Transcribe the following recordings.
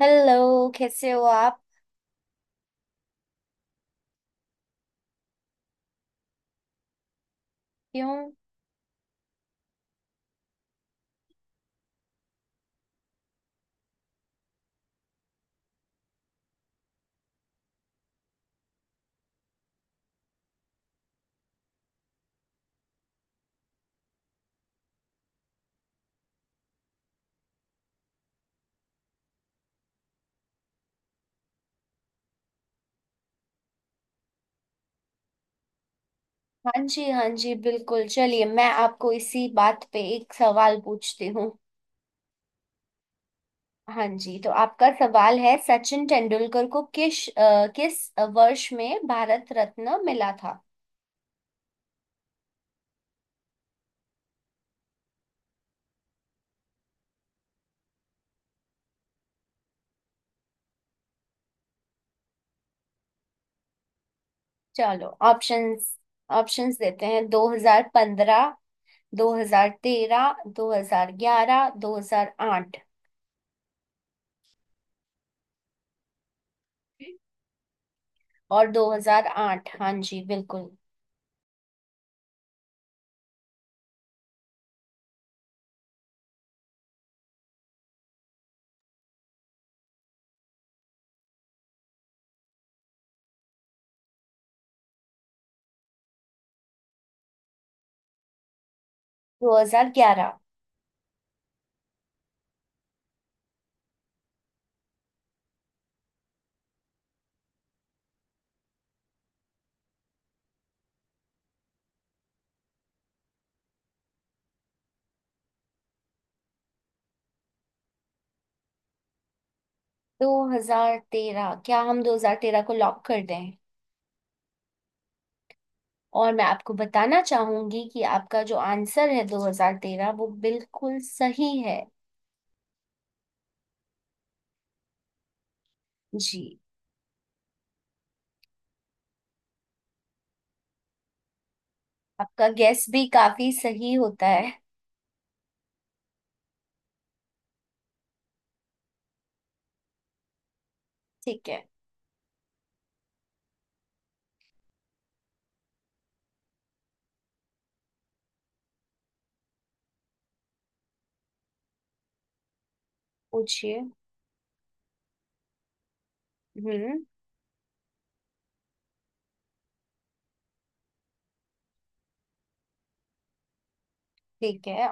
Hello. कैसे हो आप? क्यों? हाँ जी, हाँ जी, बिल्कुल चलिए, मैं आपको इसी बात पे एक सवाल पूछती हूँ। हाँ जी, तो आपका सवाल है सचिन तेंदुलकर को किस वर्ष में भारत रत्न मिला था? चलो ऑप्शंस, ऑप्शंस देते हैं, 2015, 2013, 2011, 2008 और 2008। हाँ जी, बिल्कुल 2011, 2013। क्या हम 2013 को लॉक कर दें? और मैं आपको बताना चाहूंगी कि आपका जो आंसर है 2013 वो बिल्कुल सही है। जी, आपका गैस भी काफी सही होता है। ठीक है, पूछिए। हम्म। ठीक है।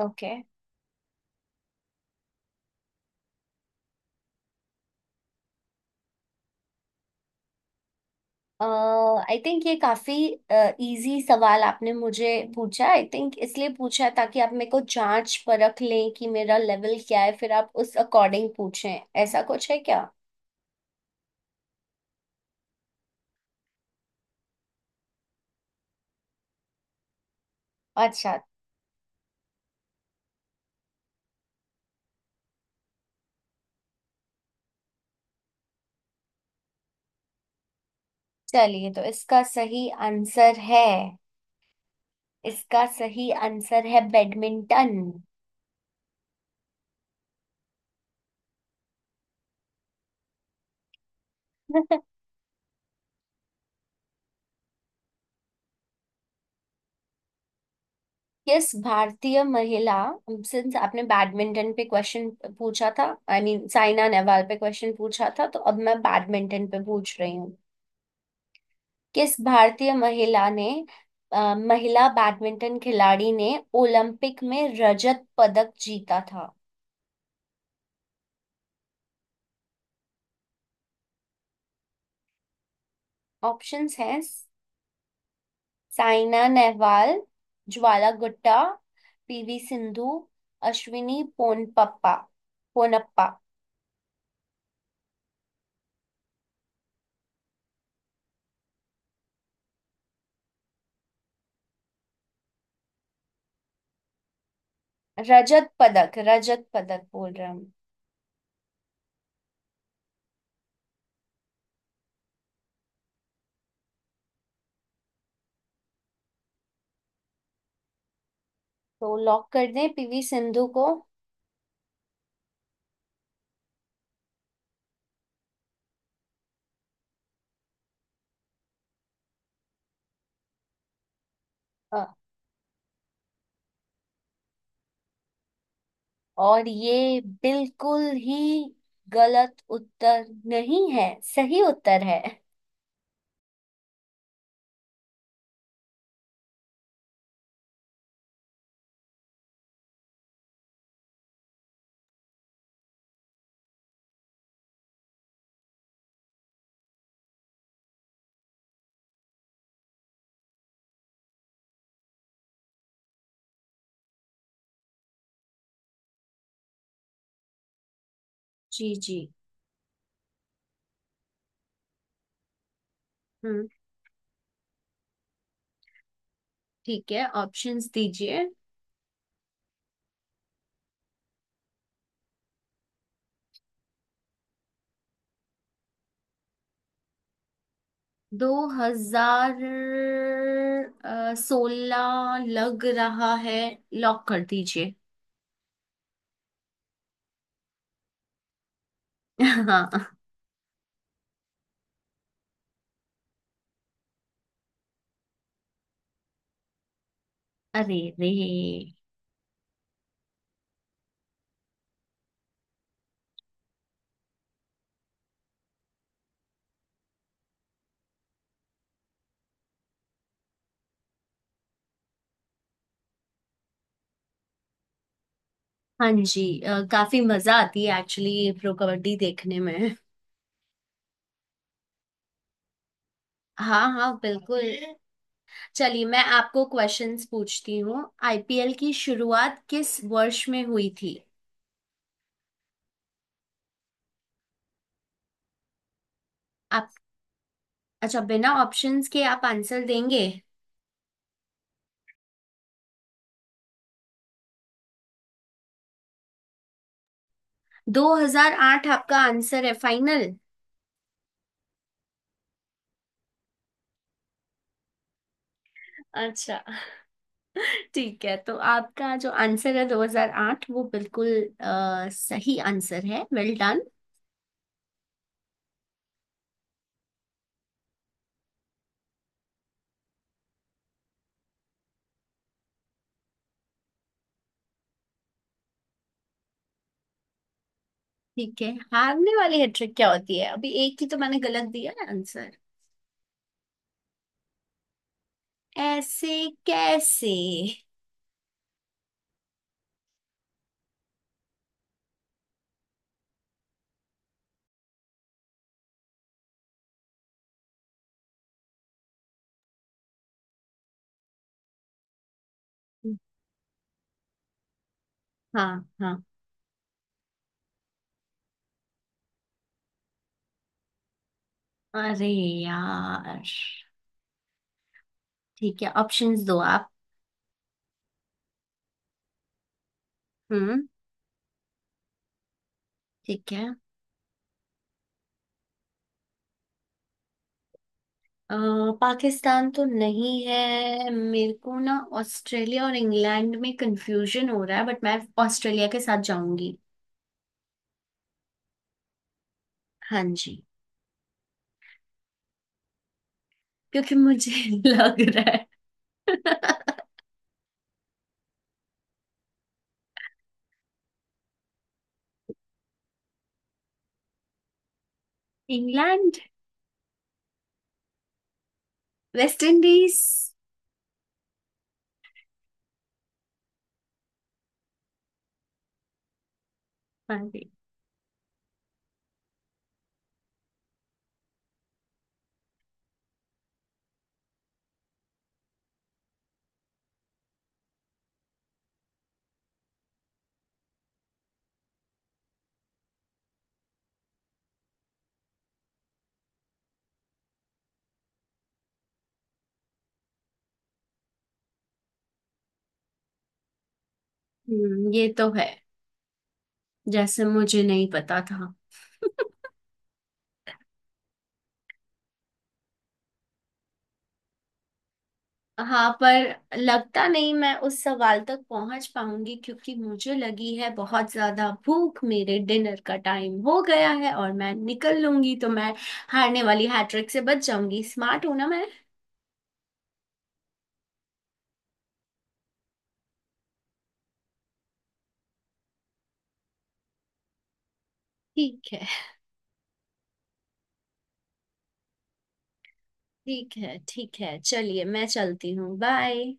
ओके, आई थिंक ये काफी इजी सवाल आपने मुझे पूछा, आई थिंक इसलिए पूछा है ताकि आप मेरे को जांच परख लें कि मेरा लेवल क्या है, फिर आप उस अकॉर्डिंग पूछें। ऐसा कुछ है क्या? अच्छा। चलिए तो इसका सही आंसर है, इसका सही आंसर है बैडमिंटन। किस भारतीय महिला, सिंस आपने बैडमिंटन पे क्वेश्चन पूछा था, आई मीन साइना नेहवाल पे क्वेश्चन पूछा था, तो अब मैं बैडमिंटन पे पूछ रही हूँ। किस भारतीय महिला ने महिला बैडमिंटन खिलाड़ी ने ओलंपिक में रजत पदक जीता था? ऑप्शंस हैं साइना नेहवाल, ज्वाला गुट्टा, पीवी सिंधु, अश्विनी पोनप्पा, पोनप्पा। रजत पदक, रजत पदक बोल रहे हैं हम। तो लॉक कर दें पीवी सिंधु को? अ, और ये बिल्कुल ही गलत उत्तर नहीं है, सही उत्तर है। जी जी। हम्म। ठीक है, ऑप्शंस दीजिए। 2016 लग रहा है, लॉक कर दीजिए। हाँ। अरे रे। हाँ जी, काफी मजा आती है एक्चुअली प्रो कबड्डी देखने में। हाँ हाँ, बिल्कुल। चलिए मैं आपको क्वेश्चंस पूछती हूँ। आईपीएल की शुरुआत किस वर्ष में हुई थी? आप। अच्छा, बिना ऑप्शंस के आप आंसर देंगे। 2008 आपका आंसर है फाइनल? अच्छा, ठीक है। तो आपका जो आंसर है 2008 वो बिल्कुल सही आंसर है। Well done. ठीक है। हारने वाली हैट्रिक क्या होती है? अभी एक ही तो मैंने गलत दिया है आंसर। ऐसे कैसे? हाँ। हाँ। अरे यार। ठीक है, ऑप्शंस दो आप। हम्म। ठीक है। अ, पाकिस्तान तो नहीं है, मेरे को ना ऑस्ट्रेलिया और इंग्लैंड में कंफ्यूजन हो रहा है, बट मैं ऑस्ट्रेलिया के साथ जाऊंगी। हाँ जी। क्योंकि मुझे लग रहा है। इंग्लैंड। West Indies. हाँ जी। हम्म, ये तो है। जैसे मुझे नहीं पता था। हाँ, पर लगता नहीं मैं उस सवाल तक पहुंच पाऊंगी क्योंकि मुझे लगी है बहुत ज्यादा भूख, मेरे डिनर का टाइम हो गया है और मैं निकल लूंगी, तो मैं हारने वाली हैट्रिक से बच जाऊंगी। स्मार्ट हूं ना मैं? ठीक है, ठीक है, ठीक है। चलिए मैं चलती हूँ, बाय।